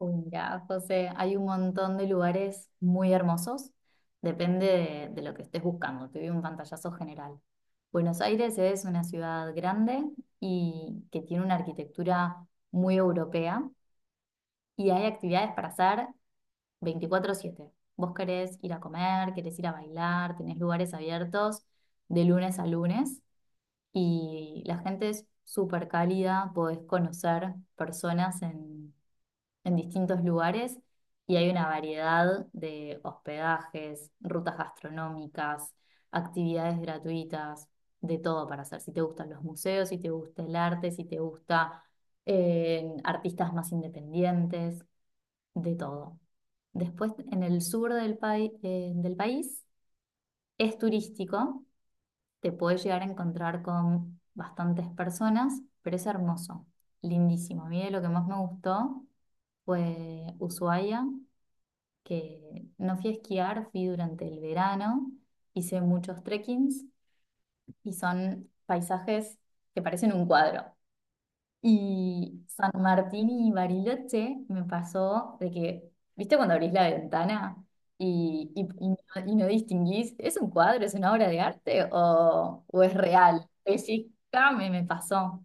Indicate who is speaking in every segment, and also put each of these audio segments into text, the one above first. Speaker 1: Mira, José, hay un montón de lugares muy hermosos, depende de lo que estés buscando, te doy un pantallazo general. Buenos Aires es una ciudad grande y que tiene una arquitectura muy europea y hay actividades para hacer 24/7. Vos querés ir a comer, querés ir a bailar, tenés lugares abiertos de lunes a lunes y la gente es súper cálida, podés conocer personas en distintos lugares y hay una variedad de hospedajes, rutas gastronómicas, actividades gratuitas, de todo para hacer. Si te gustan los museos, si te gusta el arte, si te gusta artistas más independientes, de todo. Después, en el sur del país es turístico, te puedes llegar a encontrar con bastantes personas, pero es hermoso, lindísimo. A mí de lo que más me gustó fue Ushuaia, que no fui a esquiar, fui durante el verano, hice muchos trekkings y son paisajes que parecen un cuadro. Y San Martín y Bariloche me pasó de que, ¿viste cuando abrís la ventana y, y- y no, y no distinguís, es un cuadro, es una obra de arte o es real? Pellizcame, me pasó.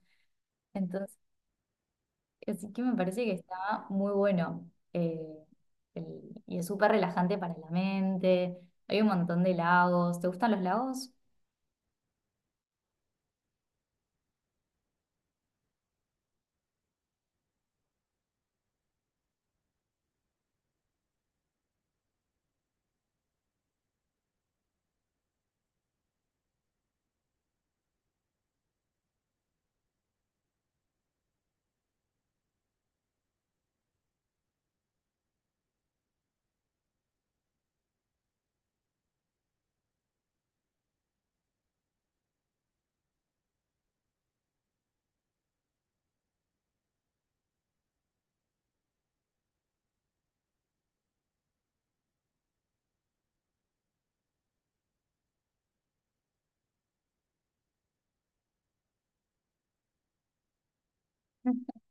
Speaker 1: Así que me parece que está muy bueno el- y es súper relajante para la mente. Hay un montón de lagos. ¿Te gustan los lagos?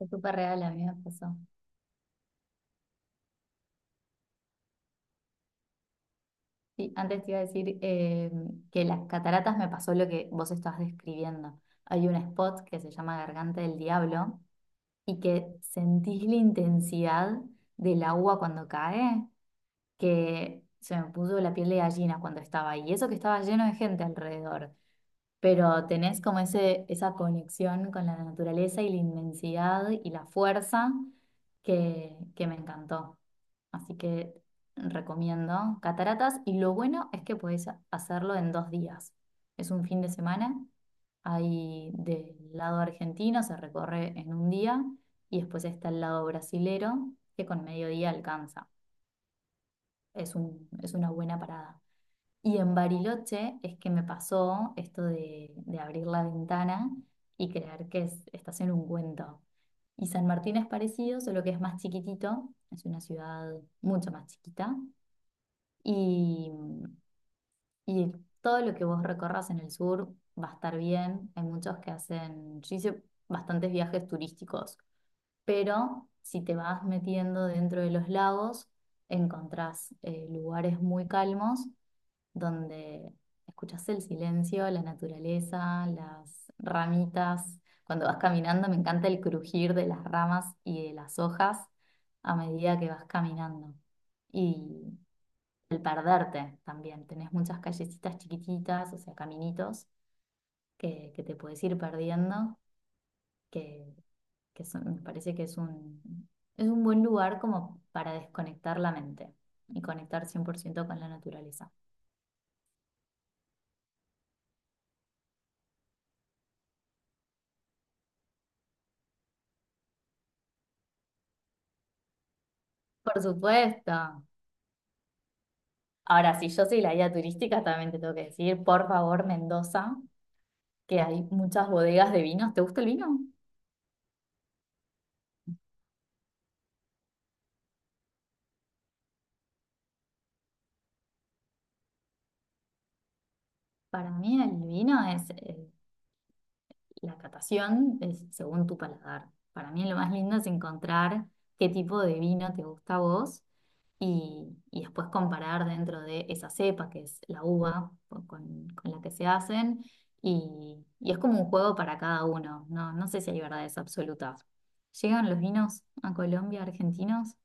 Speaker 1: Es súper real, a mí me pasó. Sí, antes te iba a decir que las cataratas me pasó lo que vos estás describiendo. Hay un spot que se llama Garganta del Diablo y que sentís la intensidad del agua cuando cae, que se me puso la piel de gallina cuando estaba ahí. Y eso que estaba lleno de gente alrededor, pero tenés como ese, esa conexión con la naturaleza y la inmensidad y la fuerza que me encantó. Así que recomiendo Cataratas y lo bueno es que podés hacerlo en 2 días. Es un fin de semana, ahí del lado argentino se recorre en un día y después está el lado brasilero que con mediodía alcanza. Es una buena parada. Y en Bariloche es que me pasó esto de abrir la ventana y creer que estás en un cuento. Y San Martín es parecido, solo que es más chiquitito, es una ciudad mucho más chiquita. Y, y todo lo que vos recorras en el sur va a estar bien. Hay muchos que hacen, yo hice bastantes viajes turísticos, pero si te vas metiendo dentro de los lagos, encontrás lugares muy calmos donde escuchas el silencio, la naturaleza, las ramitas. Cuando vas caminando, me encanta el crujir de las ramas y de las hojas a medida que vas caminando. Y el perderte también. Tenés muchas callecitas chiquititas, o sea, caminitos que te puedes ir perdiendo, que, me parece que es un buen lugar como para desconectar la mente y conectar 100% con la naturaleza. Por supuesto. Ahora, si yo soy la guía turística, también te tengo que decir, por favor, Mendoza, que hay muchas bodegas de vinos. ¿Te gusta el vino? Para mí el vino es, la catación es según tu paladar. Para mí lo más lindo es encontrar qué tipo de vino te gusta a vos y después comparar dentro de esa cepa, que es la uva con la que se hacen. Y es como un juego para cada uno. No, no sé si hay verdades absolutas. ¿Llegan los vinos a Colombia, argentinos?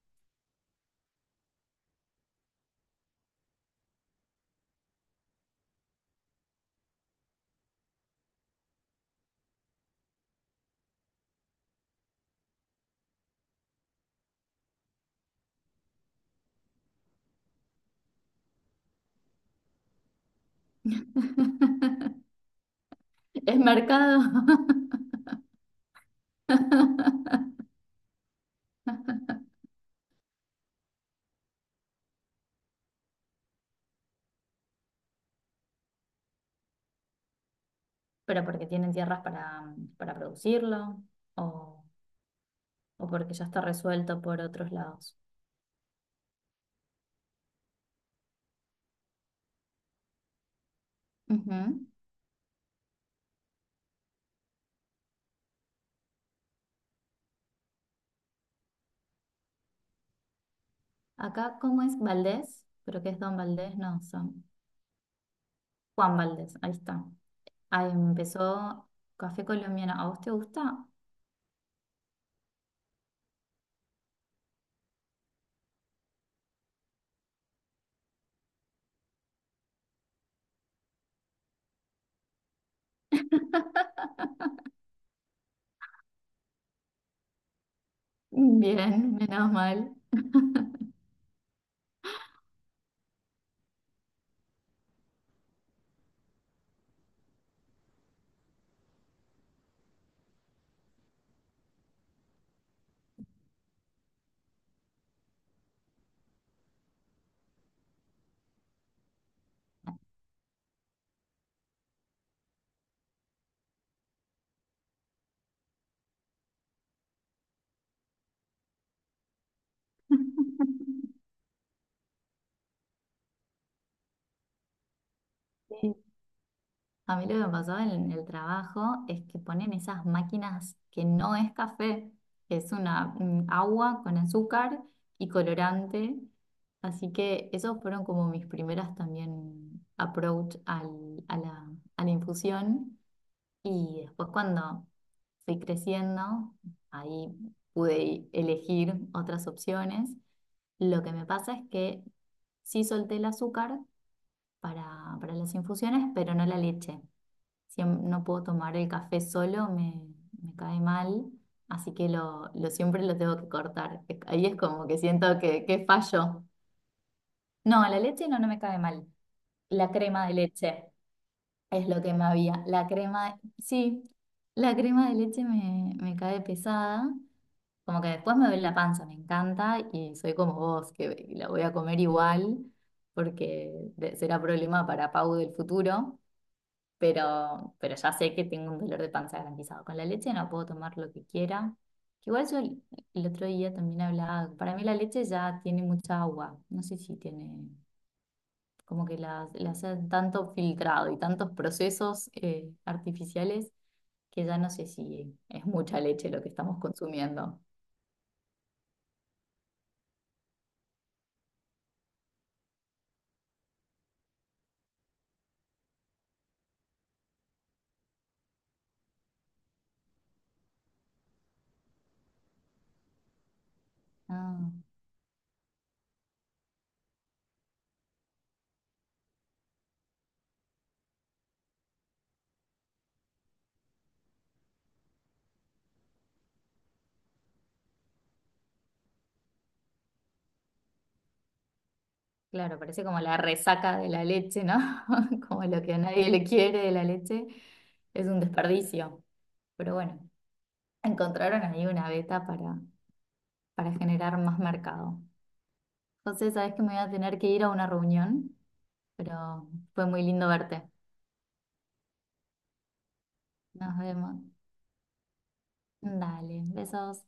Speaker 1: Es mercado. Pero porque tienen tierras para producirlo o, o porque ya está resuelto por otros lados. Ujú. Acá, ¿cómo es Valdés? Pero que es Don Valdés, no, son Juan Valdés, ahí está. Ahí empezó Café Colombiano. ¿A vos te gusta? Bien, menos mal. Sí. A mí lo que me pasó en el trabajo es que ponen esas máquinas que no es café, es una un agua con azúcar y colorante. Así que esos fueron como mis primeras también approach a la infusión. Y después cuando fui creciendo, ahí pude elegir otras opciones. Lo que me pasa es que sí solté el azúcar para las infusiones, pero no la leche, no puedo tomar el café solo, me cae mal, así que lo siempre lo tengo que cortar. Ahí es como que siento que fallo. No, la leche no, no me cae mal. La crema de leche es lo que me había. La crema, sí, la crema de leche me cae pesada. Como que después me duele la panza, me encanta y soy como vos, que la voy a comer igual porque será problema para Pau del futuro, pero ya sé que tengo un dolor de panza garantizado. Con la leche no puedo tomar lo que quiera. Que igual yo el otro día también hablaba, para mí la leche ya tiene mucha agua, no sé si tiene, como que la hacen tanto filtrado y tantos procesos artificiales que ya no sé si es mucha leche lo que estamos consumiendo. Ah, claro, parece como la resaca de la leche, ¿no? Como lo que a nadie le quiere de la leche, es un desperdicio, pero bueno. Encontraron ahí una beta para generar más mercado. Entonces sabes que me voy a tener que ir a una reunión, pero fue muy lindo verte. Nos vemos. Dale, besos.